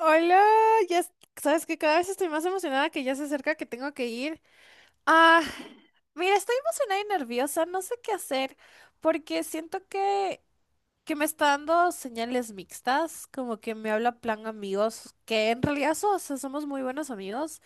Hola, ya es- sabes que cada vez estoy más emocionada que ya se acerca que tengo que ir. Ah, mira, estoy emocionada y nerviosa, no sé qué hacer, porque siento que me está dando señales mixtas, como que me habla plan amigos, que en realidad o sea, somos muy buenos amigos,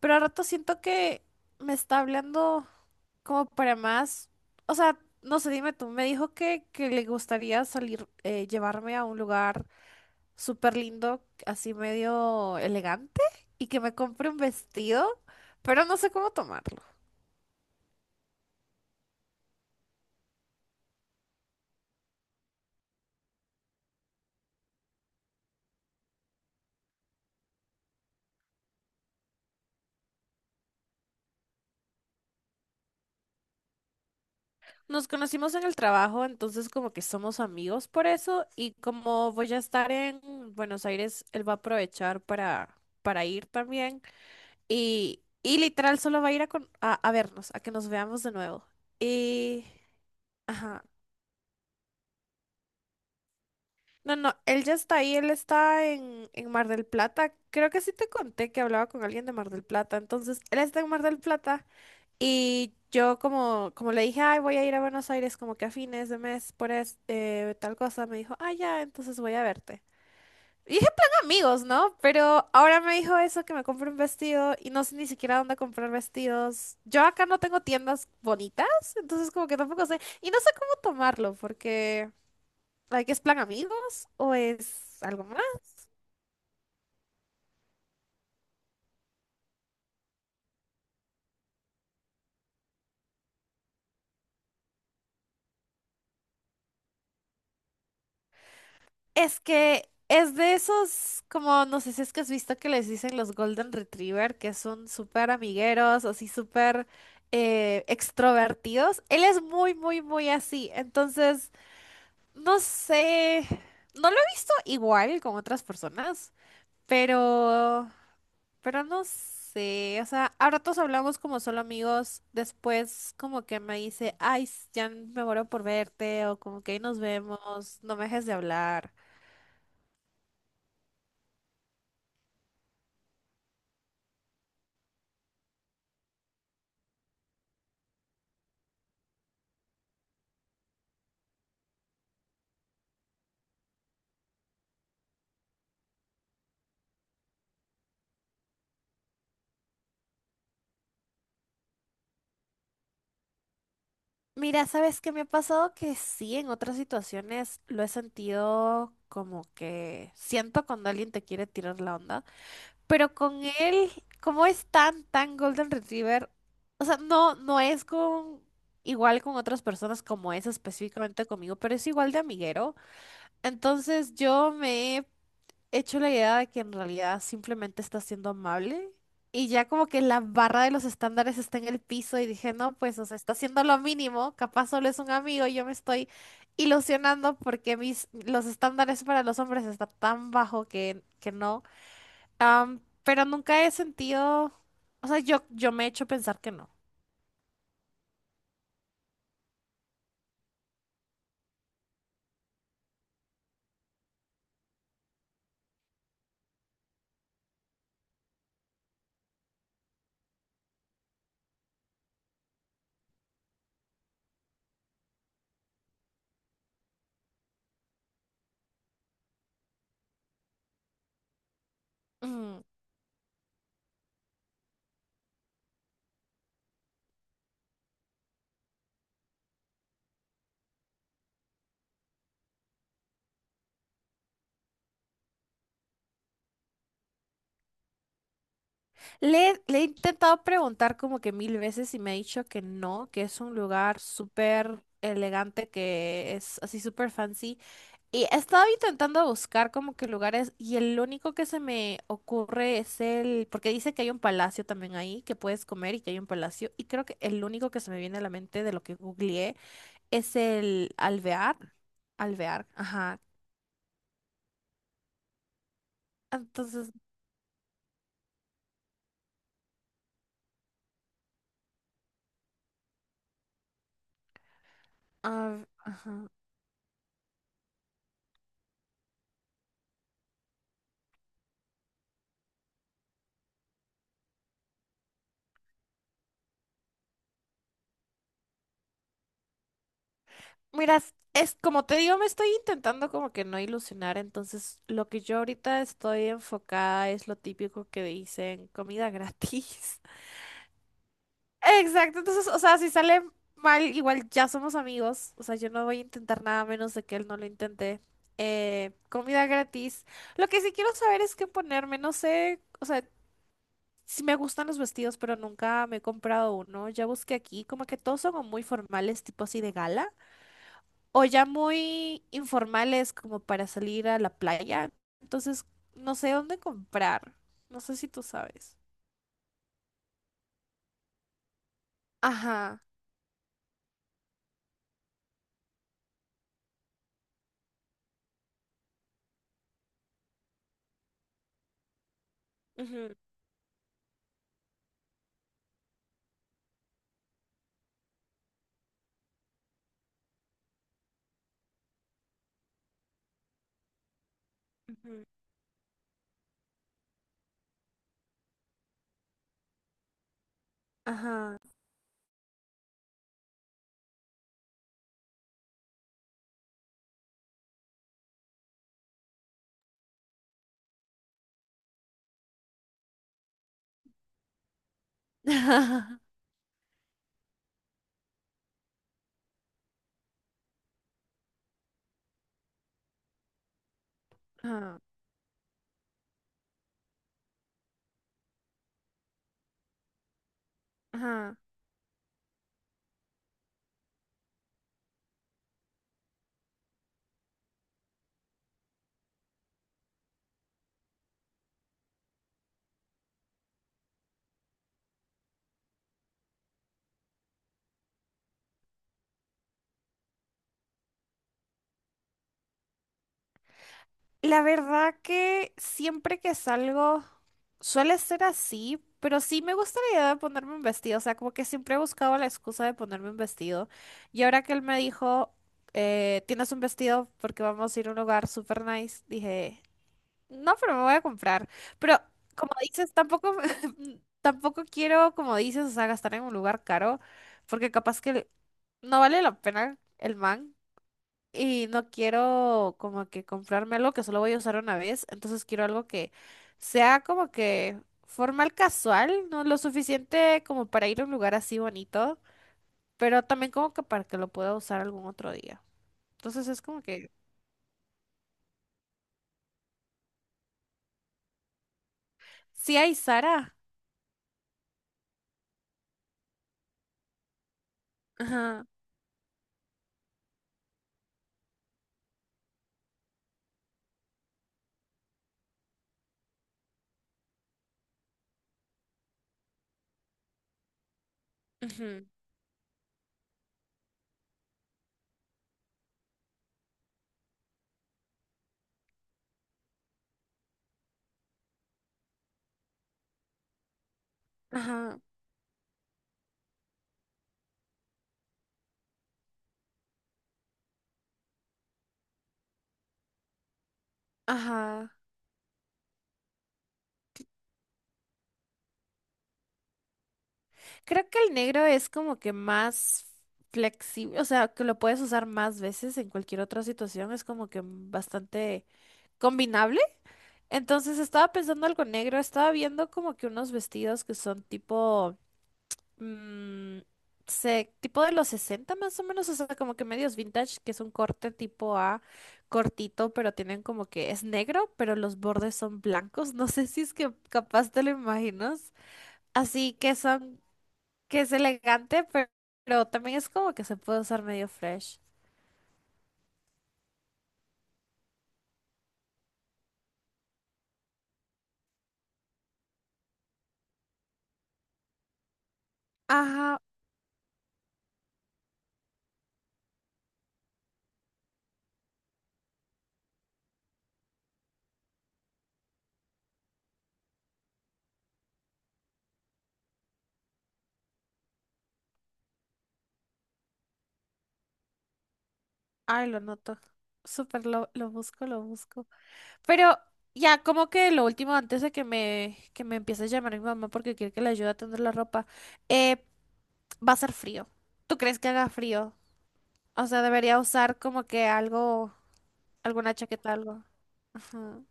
pero a rato siento que me está hablando como para más, o sea, no sé, dime tú, me dijo que le gustaría salir, llevarme a un lugar súper lindo, así medio elegante, y que me compre un vestido, pero no sé cómo tomarlo. Nos conocimos en el trabajo, entonces como que somos amigos por eso, y como voy a estar en Buenos Aires, él va a aprovechar para ir también, y literal solo va a ir a, a vernos, a que nos veamos de nuevo. Y... Ajá. No, no, él ya está ahí, él está en Mar del Plata. Creo que sí te conté que hablaba con alguien de Mar del Plata. Entonces, él está en Mar del Plata. Y yo como le dije, ay, voy a ir a Buenos Aires como que a fines de mes por tal cosa, me dijo, ah, ya, entonces voy a verte. Y dije, plan amigos, ¿no? Pero ahora me dijo eso, que me compre un vestido y no sé ni siquiera dónde comprar vestidos. Yo acá no tengo tiendas bonitas, entonces como que tampoco sé. Y no sé cómo tomarlo, porque, like, ¿es plan amigos o es algo más? Es que es de esos, como no sé si es que has visto que les dicen los Golden Retriever, que son súper amigueros, así súper extrovertidos. Él es muy, muy, muy así. Entonces, no sé, no lo he visto igual con otras personas, pero, pero no sé. O sea, a ratos hablamos como solo amigos, después como que me dice, ay, ya me muero por verte, o como que ahí nos vemos, no me dejes de hablar. Mira, ¿sabes qué me ha pasado? Que sí, en otras situaciones lo he sentido como que siento cuando alguien te quiere tirar la onda, pero con él, como es tan, tan Golden Retriever, o sea, no es con igual con otras personas como es específicamente conmigo, pero es igual de amiguero. Entonces yo me he hecho la idea de que en realidad simplemente está siendo amable y ya como que la barra de los estándares está en el piso y dije, no, pues, o sea, está haciendo lo mínimo, capaz solo es un amigo y yo me estoy ilusionando porque mis, los estándares para los hombres están tan bajo que no. Pero nunca he sentido, o sea, yo me he hecho pensar que no. Le he intentado preguntar como que mil veces y me ha dicho que no, que es un lugar súper elegante, que es así súper fancy. Y he estado intentando buscar como que lugares y el único que se me ocurre es el, porque dice que hay un palacio también ahí, que puedes comer y que hay un palacio. Y creo que el único que se me viene a la mente de lo que googleé es el Alvear. Alvear, ajá. Entonces, ah, ajá. Mira, es como te digo, me estoy intentando como que no ilusionar, entonces lo que yo ahorita estoy enfocada es lo típico que dicen, comida gratis. Exacto, entonces, o sea, si sale mal, igual ya somos amigos, o sea, yo no voy a intentar nada menos de que él no lo intente. Comida gratis. Lo que sí quiero saber es qué ponerme, no sé, o sea, si me gustan los vestidos, pero nunca me he comprado uno. Ya busqué aquí, como que todos son muy formales, tipo así de gala o ya muy informales como para salir a la playa. Entonces, no sé dónde comprar. No sé si tú sabes. Ajá. Ujú, ujú. Ajá. Ajá, ajá. La verdad que siempre que salgo suele ser así, pero sí me gusta la idea de ponerme un vestido. O sea, como que siempre he buscado la excusa de ponerme un vestido. Y ahora que él me dijo, tienes un vestido porque vamos a ir a un lugar super nice, dije, no, pero me voy a comprar. Pero como dices, tampoco, tampoco quiero, como dices, o sea, gastar en un lugar caro, porque capaz que no vale la pena el man. Y no quiero como que comprarme algo que solo voy a usar una vez. Entonces quiero algo que sea como que formal casual, ¿no? Lo suficiente como para ir a un lugar así bonito, pero también como que para que lo pueda usar algún otro día. Entonces es como que, sí hay Sara. Ajá, ujú, ajá, ajá. Creo que el negro es como que más flexible, o sea, que lo puedes usar más veces en cualquier otra situación, es como que bastante combinable. Entonces estaba pensando algo negro, estaba viendo como que unos vestidos que son tipo, mm, tipo de los 60 más o menos, o sea, como que medios vintage, que es un corte tipo A cortito, pero tienen como que es negro, pero los bordes son blancos. No sé si es que capaz te lo imaginas. Así que son que es elegante, pero también es como que se puede usar medio fresh. Ajá, ay, lo noto. Súper, lo busco, lo busco. Pero ya, como que lo último, antes de que me empiece a llamar mi mamá porque quiere que le ayude a tender la ropa, eh, va a ser frío. ¿Tú crees que haga frío? O sea, debería usar como que algo, alguna chaqueta, algo. Ajá.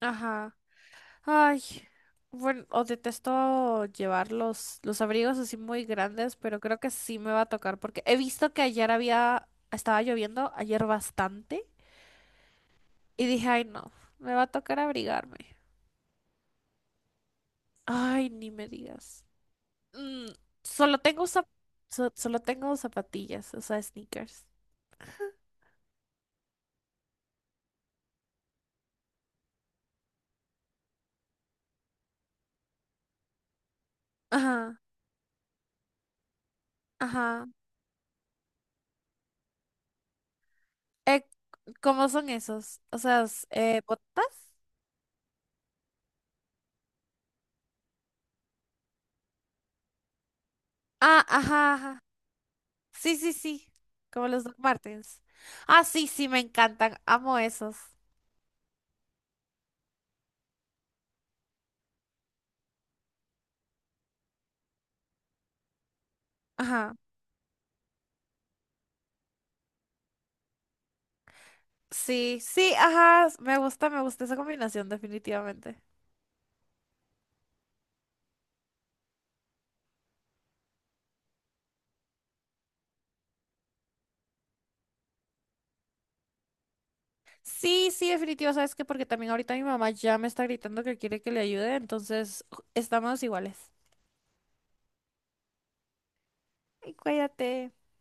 Ajá. Ay, bueno, o detesto llevar los abrigos así muy grandes, pero creo que sí me va a tocar porque he visto que ayer había, estaba lloviendo, ayer bastante, y dije, ay no, me va a tocar abrigarme. Ay, ni me digas. Mm, solo tengo zap- solo tengo zapatillas, o sea, sneakers. Ajá, ajá. Eh, ¿Cómo son esos? O sea, botas. Ah, ajá, sí, sí, sí. Como los Doc Martens. Ah, sí, sí, me encantan. Amo esos. Ajá. Sí, sí, ajá. Me gusta esa combinación, definitivamente. Sí, sí, definitivo. ¿Sabes qué? Porque también ahorita mi mamá ya me está gritando que quiere que le ayude, entonces estamos iguales. Ay, cuídate.